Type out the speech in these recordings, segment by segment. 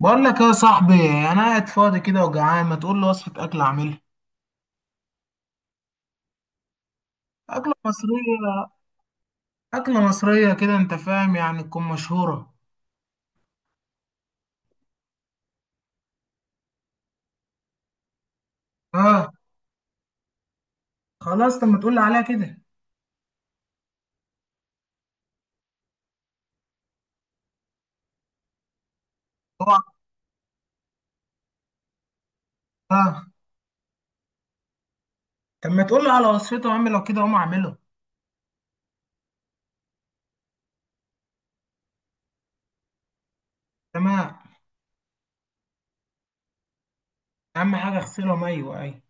بقول لك يا صاحبي. انا قاعد فاضي كده وجعان، ما تقول لي وصفه اكل اعملها؟ اكله مصريه. اكله مصريه كده، انت فاهم، يعني تكون مشهوره. اه. خلاص، طب ما تقول لي عليها كده؟ اوعى! اه. طب ما تقول لي على وصفته يا عم لو كده اقوم اعمله؟ تمام. اهم حاجه اغسلهم، ايوه، ايوه.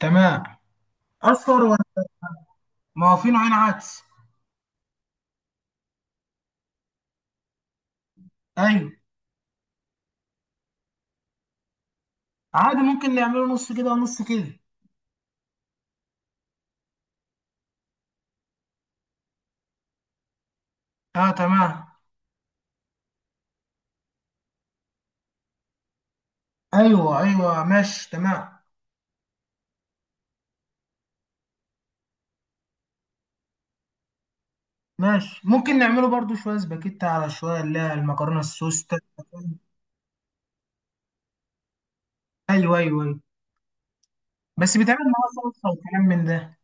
تمام. اصفر ولا؟ ما هو في نوعين عدس. ايوه. عادي، ممكن نعمله نص كده ونص كده. اه، تمام. ايوه، ايوه، ماشي، تمام. ماشي، ممكن نعمله برضو شوية سباكيتا على شوية، اللي هي المكرونة السوس ده. أيوه، أيوه، أيوه. بس بيتعمل معاها صلصة وكلام من ده؟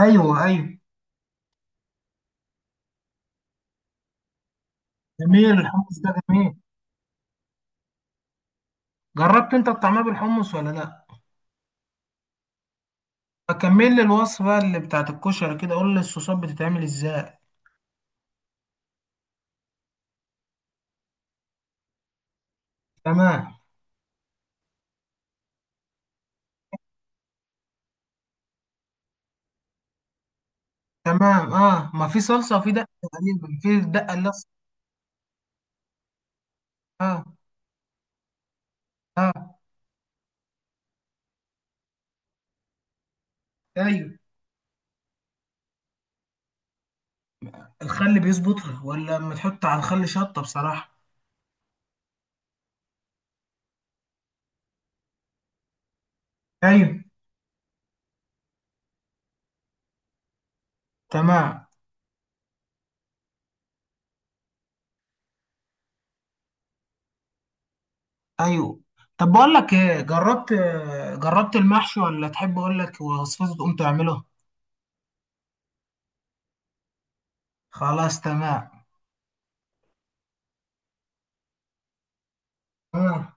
أيوه، أيوه. جميل، الحمص ده جميل. جربت أنت الطعمية بالحمص ولا لأ؟ أكمل لي الوصفة اللي بتاعت الكشري كده، قول لي الصوصات بتتعمل إزاي؟ تمام. تمام، ما في صلصة وفي دقة تقريبا، في دقة اللي... أه. أه. أيوه. الخل بيظبطها، ولا لما تحط على الخل شطة بصراحة؟ أيوه. تمام. ايوه. طب بقول لك ايه، جربت... جربت المحشي، ولا تحب اقول لك وصفته تقوم تعمله؟ خلاص، تمام. آه.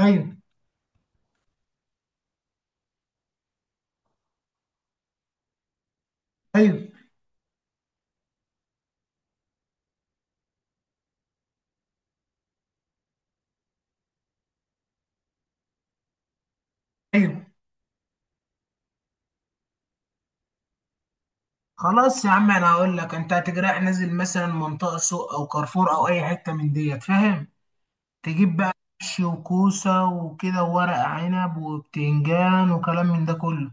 ايوه. ايوه. ايوه. خلاص يا عم، انا هقول لك، انت هتجرح نازل مثلا منطقه سوق او كارفور او اي حته من ديت، فاهم؟ تجيب بقى... محشي وكوسه وكده وورق عنب وبتنجان وكلام من ده كله.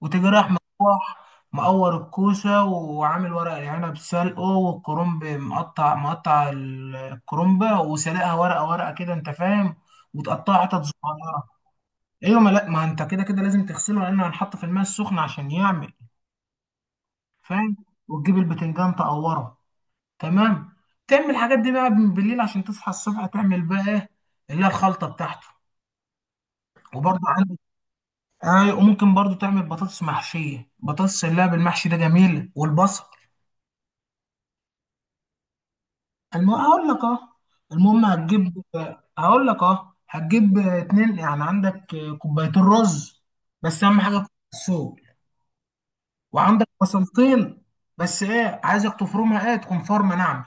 وتيجي راح مروح. مقور الكوسة وعامل ورق العنب سلقه، والكرنب مقطع مقطع الكرنبة، وسلقها ورقة ورقة كده، انت فاهم؟ وتقطعها حتت صغيرة. ايوه، ما لا ما انت كده كده لازم تغسله، لانه هنحط في الماء السخن عشان يعمل. فاهم. وتجيب البتنجان تقوره. تمام. تعمل الحاجات دي بقى من بالليل، عشان تصحى الصبح تعمل بقى ايه، اللي هي الخلطة بتاعته. وبرضه عندك. ايوه، وممكن برضه تعمل بطاطس محشية، بطاطس اللي هي بالمحشي ده جميل، والبصل. هقول لك، اه. المهم هتجيب... هقول لك، هتجيب 2 يعني، عندك كوبايتين رز. بس اهم حاجه كوباية السوق. وعندك بصلتين. بس ايه، عايزك تفرمها، ايه، تكون فرمه ناعمه.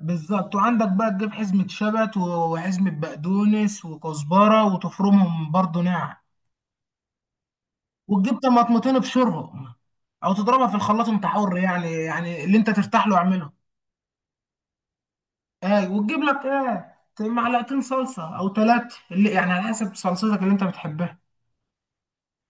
بالظبط، وعندك بقى تجيب حزمه شبت وحزمه بقدونس وكزبره، وتفرمهم برضو ناعم. وتجيب طماطمتين ابشرهم، او تضربها في الخلاط، انت حر، يعني اللي انت ترتاح له اعمله. وتجيب لك ايه معلقتين صلصه او 3، اللي يعني على حسب صلصتك اللي انت بتحبها.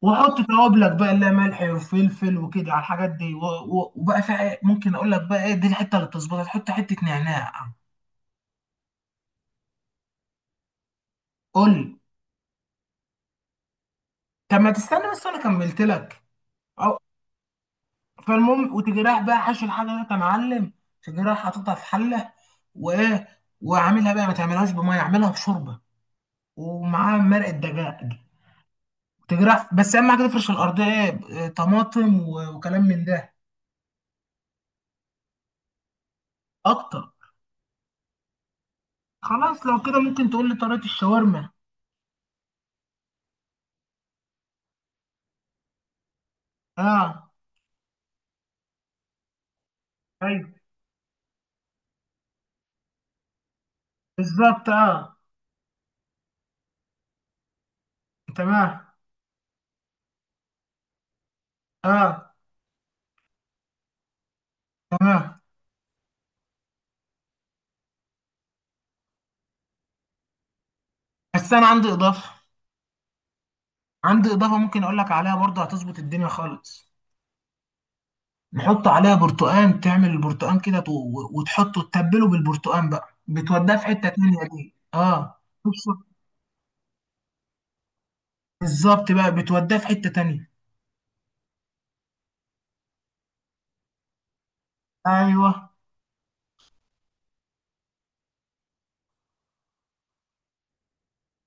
وحط توابلك بقى، اللي هي ملح وفلفل وكده، على الحاجات دي، وبقى ممكن اقول لك بقى ايه دي الحته اللي تظبطها، تحط حته نعناع. قول لي. طب ما تستنى بس، انا كملت لك. أو... فالمهم، وتجي رايح بقى حاشي الحاجه دي يا معلم. تجي رايح حاططها في حله، وايه، وعاملها بقى، ما تعملهاش بميه، اعملها بشوربه. ومعاها مرقه دجاج. تجرح، بس اهم حاجه تفرش الارضيه، طماطم وكلام من ده. اكتر. خلاص، لو كده ممكن تقول لي طريقه الشاورما؟ اه. ايوه. بالظبط، اه. تمام. اه. تمام. بس انا عندي اضافه. عندي اضافه، ممكن اقول لك عليها برضه، هتظبط الدنيا خالص. نحط عليها برتقان، تعمل البرتقان كده، وتحطه، تتبله بالبرتقان بقى، بتوديه في حته تانيه دي، اه. بالظبط، بقى بتوديه في حته تانيه. ايوه.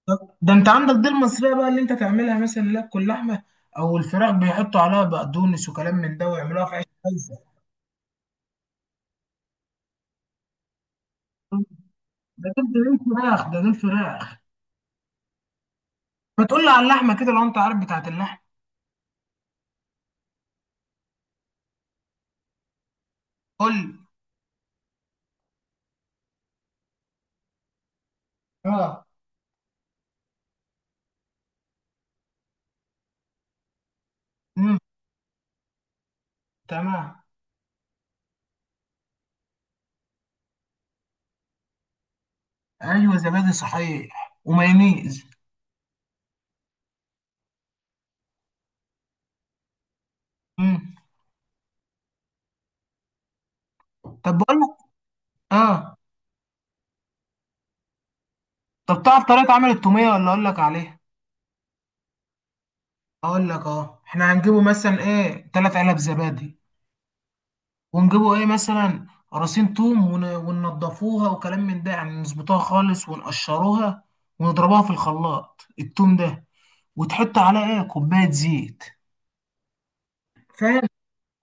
طب ده انت عندك دي المصرية بقى، اللي انت تعملها مثلا، لك اللحمة او الفراخ، بيحطوا عليها بقدونس وكلام من ده ويعملوها في عيش كايزر. ده دول فراخ، ده دول فراخ. ما تقول لي على اللحمة كده لو انت عارف بتاعت اللحمة؟ قول لي. اه. امم. تمام. ايوه، زبادي صحيح، ومايونيز. امم. طب بقول لك... اه. طب تعرف طريقة عمل التومية ولا اقول لك عليها؟ اقول لك، احنا هنجيبه مثلا ايه 3 علب زبادي. ونجيبوا ايه مثلا قراصين توم، وننضفوها وكلام من ده، يعني نظبطوها خالص ونقشروها. ونضربها في الخلاط التوم ده. وتحط عليها ايه كوباية زيت. فاهم.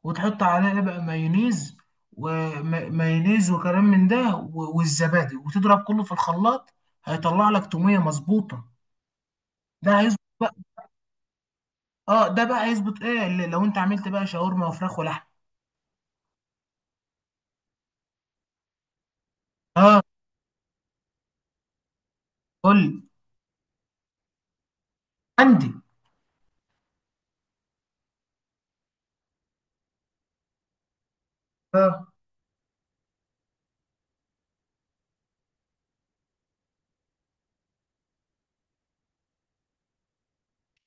وتحط عليها ايه بقى مايونيز، ومايونيز وكلام من ده، والزبادي، وتضرب كله في الخلاط. هيطلع لك تومية مظبوطة. ده هيظبط بقى. اه ده بقى هيظبط ايه لو انت عملت بقى شاورما وفراخ ولحم. اه. قول لي. عندي. اه.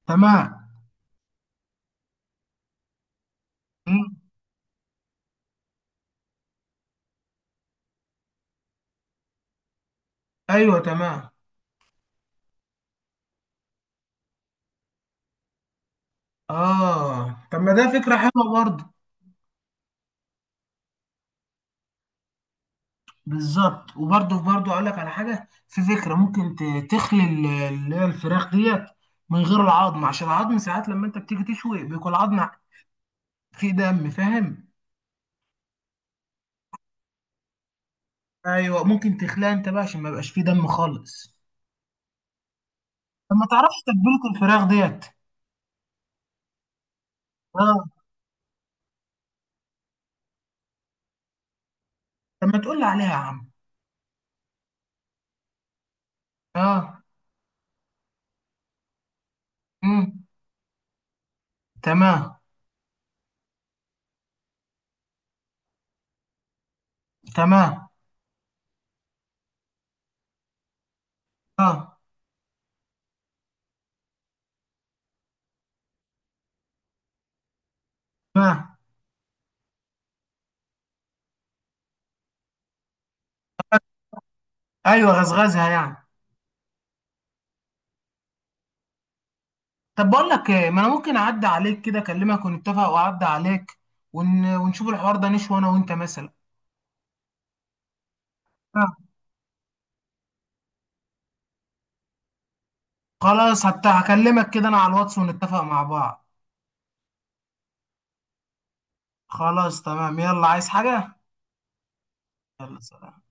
تمام. مم. ايوه، تمام. اه، طب ما ده فكرة حلوة برضه. بالظبط، وبرضه اقول لك على حاجة، في فكرة ممكن تخلي اللي هي الفراخ ديت، من غير العظم، عشان العظم ساعات لما انت بتيجي تشوي بيكون العظم فيه دم، فاهم؟ ايوه، ممكن تخليها انت بقى عشان ما يبقاش فيه دم خالص. طب ما تعرفش تتبيلة الفراخ ديت؟ اه. طب ما تقول لي عليها يا عم. اه. امم. تمام. تمام. اه. تمام. ايوه، غزغزها يعني. طب بقول لك ايه، ما انا ممكن اعدي عليك كده، اكلمك ونتفق، واعدي عليك ونشوف الحوار ده، نشوي انا وانت مثلا. آه. خلاص، هكلمك كده انا على الواتس ونتفق مع بعض. خلاص، تمام، يلا عايز حاجة؟ يلا، سلام.